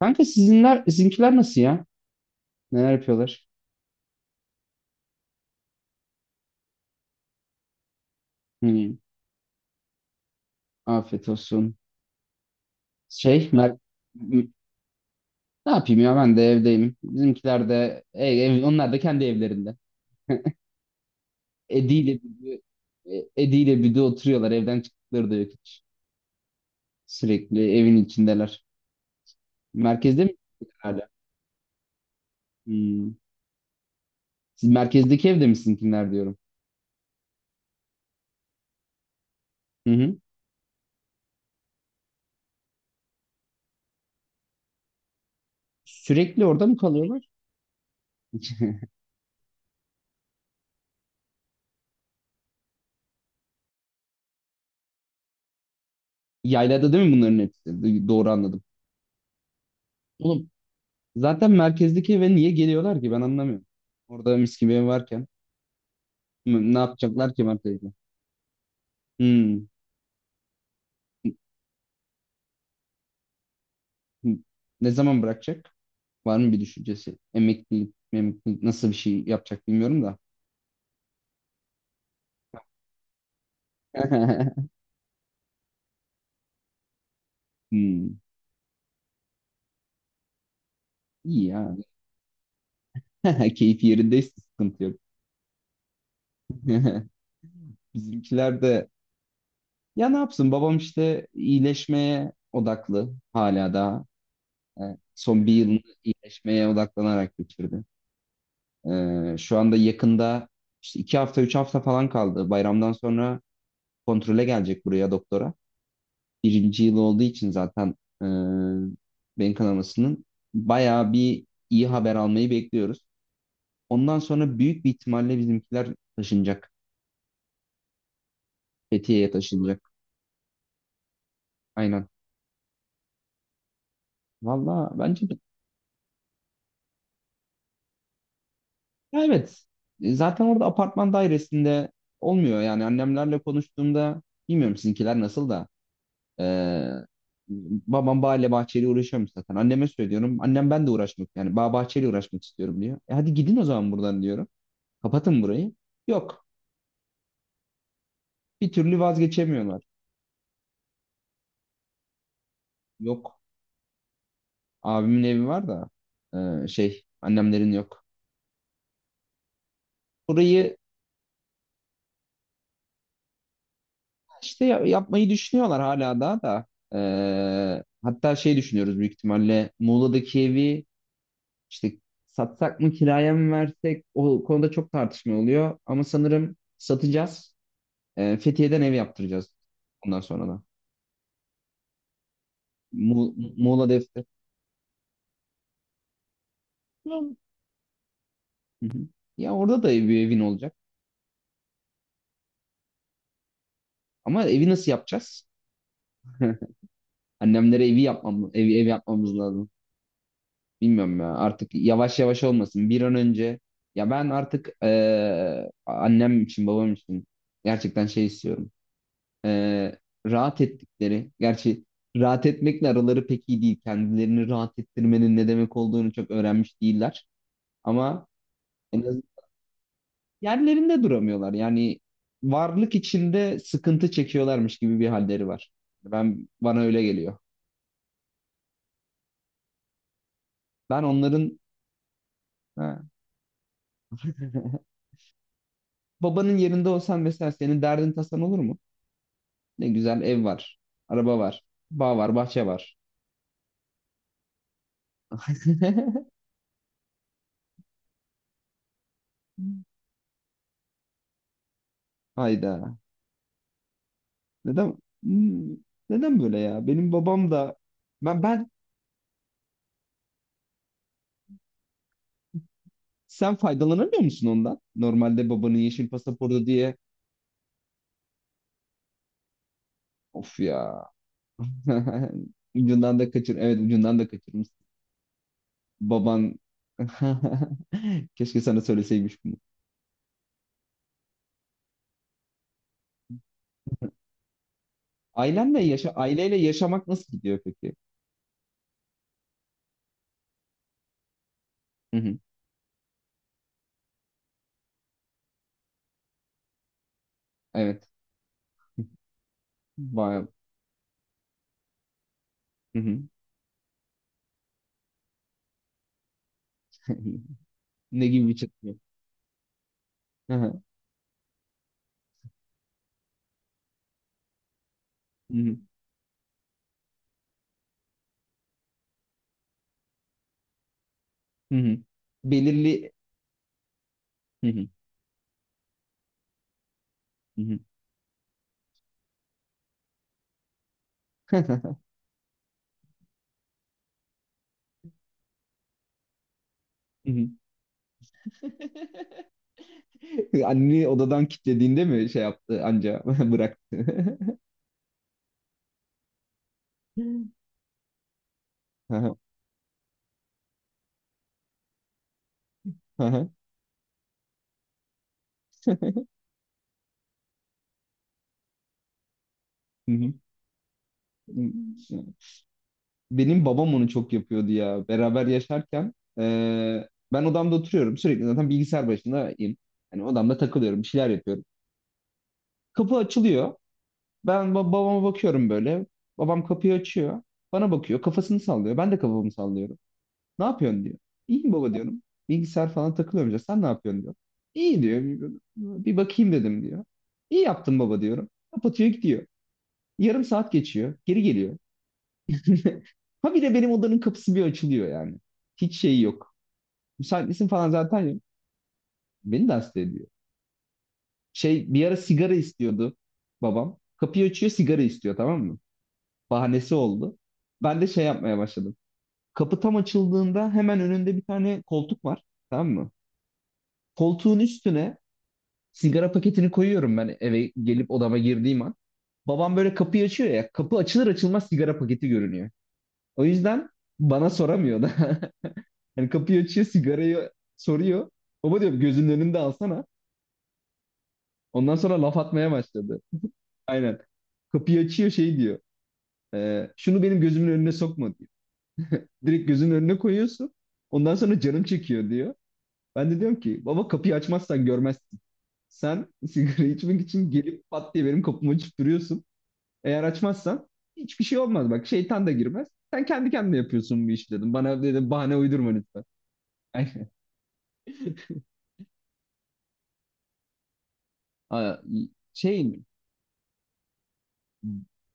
Kanka sizinkiler nasıl ya? Neler yapıyorlar? Hmm, Afiyet olsun. Şey, mer- m- Ne yapayım ya ben de evdeyim. Bizimkiler de, onlar da kendi evlerinde. Edi ile Büdü, Edi ile Büdü oturuyorlar. Evden çıktıkları da yok hiç. Sürekli evin içindeler. Merkezde mi hala? Hmm. Siz merkezdeki evde mi sizinkiler diyorum. Hı hı. Sürekli orada mı kalıyorlar? Yaylada değil mi bunların hepsi? Doğru anladım. Oğlum, zaten merkezdeki eve niye geliyorlar ki ben anlamıyorum. Orada mis gibi ev varken ne yapacaklar ki merkezde? Hmm. Hmm. Ne zaman bırakacak? Var mı bir düşüncesi? Emeklilik nasıl bir şey yapacak bilmiyorum da. Hmm. İyi ya. Keyfi yerindeyse sıkıntı yok. Bizimkiler de, ya ne yapsın babam, işte iyileşmeye odaklı hala daha. E, Son bir yılını iyileşmeye odaklanarak geçirdi. Şu anda yakında işte 2 hafta, 3 hafta falan kaldı. Bayramdan sonra kontrole gelecek buraya doktora. Birinci yıl olduğu için zaten e, beyin kanamasının bayağı bir iyi haber almayı bekliyoruz. Ondan sonra büyük bir ihtimalle bizimkiler taşınacak. Fethiye'ye taşınacak. Aynen. Valla bence de. Ya, evet. Zaten orada apartman dairesinde olmuyor. Yani annemlerle konuştuğumda bilmiyorum sizinkiler nasıl da. Ee, Babam bağla bahçeyle uğraşıyormuş zaten. Anneme söylüyorum. Annem ben de uğraşmak yani bağ bahçeyle uğraşmak istiyorum diyor. Hadi gidin o zaman buradan diyorum. Kapatın burayı. Yok. Bir türlü vazgeçemiyorlar. Yok. Abimin evi var da annemlerin yok. Burayı işte yapmayı düşünüyorlar hala daha da. Hatta şey düşünüyoruz, büyük ihtimalle Muğla'daki evi işte satsak mı kiraya mı versek, o konuda çok tartışma oluyor. Ama sanırım satacağız. Fethiye'den ev yaptıracağız bundan sonra da. Muğla Defter. Tamam. Hı hı. Ya orada da ev, bir evin olacak. Ama evi nasıl yapacağız? Annemlere evi ev yapmamız lazım. Bilmiyorum ya artık yavaş yavaş olmasın. Bir an önce ya ben artık annem için babam için gerçekten şey istiyorum. Eee, Rahat ettikleri gerçi rahat etmekle araları pek iyi değil. Kendilerini rahat ettirmenin ne demek olduğunu çok öğrenmiş değiller. Ama en yerlerinde duramıyorlar. Yani varlık içinde sıkıntı çekiyorlarmış gibi bir halleri var. Bana öyle geliyor. Ben onların ha. Babanın yerinde olsan mesela senin derdin tasan olur mu? Ne güzel ev var, araba var, bağ var, bahçe var. Hayda. Neden Hmm, Neden böyle ya? Benim babam da ben ben sen faydalanamıyor musun ondan? Normalde babanın yeşil pasaportu diye. Of ya. Ucundan da kaçır. Evet ucundan da kaçırmış. Baban keşke sana söyleseymiş bunu. Ailenle yaşa Aileyle yaşamak nasıl gidiyor peki? Hı hı. Evet. Bayağı. Hı hı. Ne gibi bir çatışma? Hı hı. Hı hı. Hı hı. Belirli. Hı hı. Hı hı. Hı hı. Anne odadan kilitlediğinde mi şey yaptı anca bıraktı. Hı hı. Hı hı. Hı hı. Benim babam onu çok yapıyordu ya. Beraber yaşarken ben odamda oturuyorum. Sürekli zaten bilgisayar başındayım. Hani odamda takılıyorum. Bir şeyler yapıyorum. Kapı açılıyor. Ben babama bakıyorum böyle. Babam kapıyı açıyor. Bana bakıyor. Kafasını sallıyor. Ben de kafamı sallıyorum. Ne yapıyorsun diyor. İyiyim baba diyorum. Bilgisayar falan takılıyorum diyor. Sen ne yapıyorsun diyor. İyi diyor. Bir bakayım dedim diyor. İyi yaptın baba diyorum. Kapatıyor gidiyor. Yarım saat geçiyor. Geri geliyor. Ha bir de benim odanın kapısı bir açılıyor yani. Hiç şey yok. Müsait misin falan zaten yok. Beni de hasta ediyor. Şey bir ara sigara istiyordu babam. Kapıyı açıyor sigara istiyor tamam mı? Bahanesi oldu. Ben de şey yapmaya başladım. Kapı tam açıldığında hemen önünde bir tane koltuk var. Tamam mı? Koltuğun üstüne sigara paketini koyuyorum ben eve gelip odama girdiğim an. Babam böyle kapıyı açıyor ya. Kapı açılır açılmaz sigara paketi görünüyor. O yüzden bana soramıyor da. Yani kapıyı açıyor, sigarayı soruyor. Baba diyor gözünün önünde alsana. Ondan sonra laf atmaya başladı. Aynen. Kapıyı açıyor şey diyor. Şunu benim gözümün önüne sokma diyor. Direkt gözünün önüne koyuyorsun. Ondan sonra canım çekiyor diyor. Ben de diyorum ki baba kapıyı açmazsan görmezsin. Sen sigara içmek için gelip pat diye benim kapıma açıp duruyorsun. Eğer açmazsan hiçbir şey olmaz. Bak şeytan da girmez. Sen kendi kendine yapıyorsun bu işi dedim. Bana dedim bahane uydurma lütfen. Aynen. Aa, Şey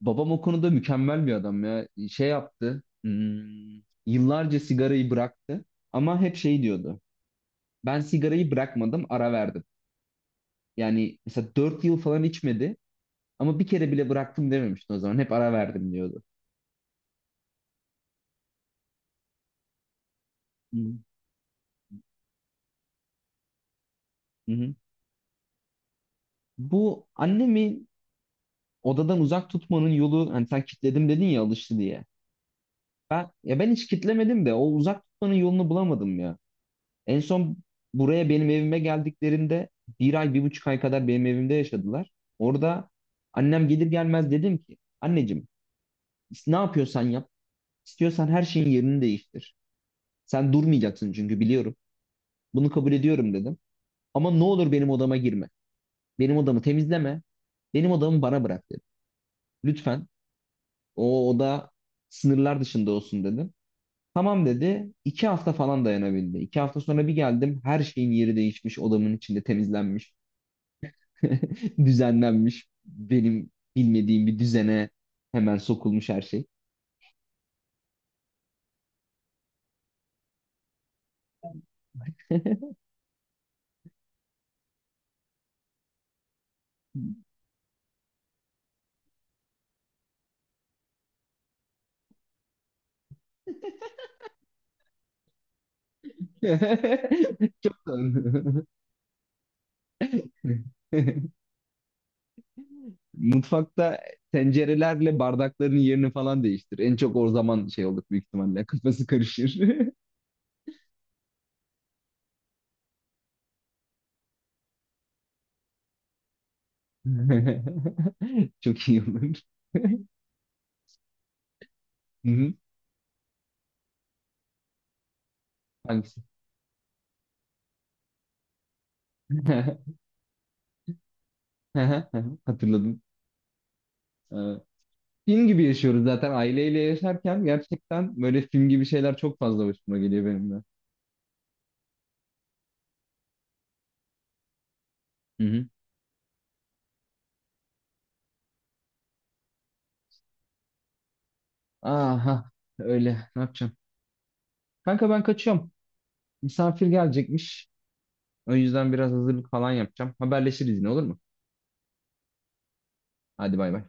babam o konuda mükemmel bir adam ya. Şey yaptı. Yıllarca sigarayı bıraktı ama hep şey diyordu. Ben sigarayı bırakmadım, ara verdim. Yani mesela 4 yıl falan içmedi ama bir kere bile bıraktım dememişti o zaman. Hep ara verdim diyordu. Hı hı. Hı. Bu annemi odadan uzak tutmanın yolu hani sen kitledim dedin ya alıştı diye. Ben hiç kitlemedim de o uzak tutmanın yolunu bulamadım ya. En son buraya benim evime geldiklerinde bir ay, bir buçuk ay kadar benim evimde yaşadılar. Orada annem gelir gelmez dedim ki, anneciğim ne yapıyorsan yap, istiyorsan her şeyin yerini değiştir. Sen durmayacaksın çünkü biliyorum. Bunu kabul ediyorum dedim. Ama ne olur benim odama girme. Benim odamı temizleme. Benim odamı bana bırak dedim. Lütfen o oda sınırlar dışında olsun dedim. Tamam dedi. 2 hafta falan dayanabildi. 2 hafta sonra bir geldim. Her şeyin yeri değişmiş. Odamın içinde temizlenmiş. Düzenlenmiş benim bilmediğim bir düzene hemen sokulmuş her şey. Çok tanıdım. Mutfakta tencerelerle bardakların yerini falan değiştir. En çok o zaman şey olur büyük ihtimalle. Kafası karışır. Çok iyi olur. Hı hı. Hangisi? Hatırladım. Ee, Film gibi yaşıyoruz zaten aileyle yaşarken gerçekten böyle film gibi şeyler çok fazla hoşuma geliyor benim de. Aha öyle ne yapacağım? Kanka ben kaçıyorum. Misafir gelecekmiş. O yüzden biraz hazırlık falan yapacağım. Haberleşiriz yine olur mu? Hadi bay bay.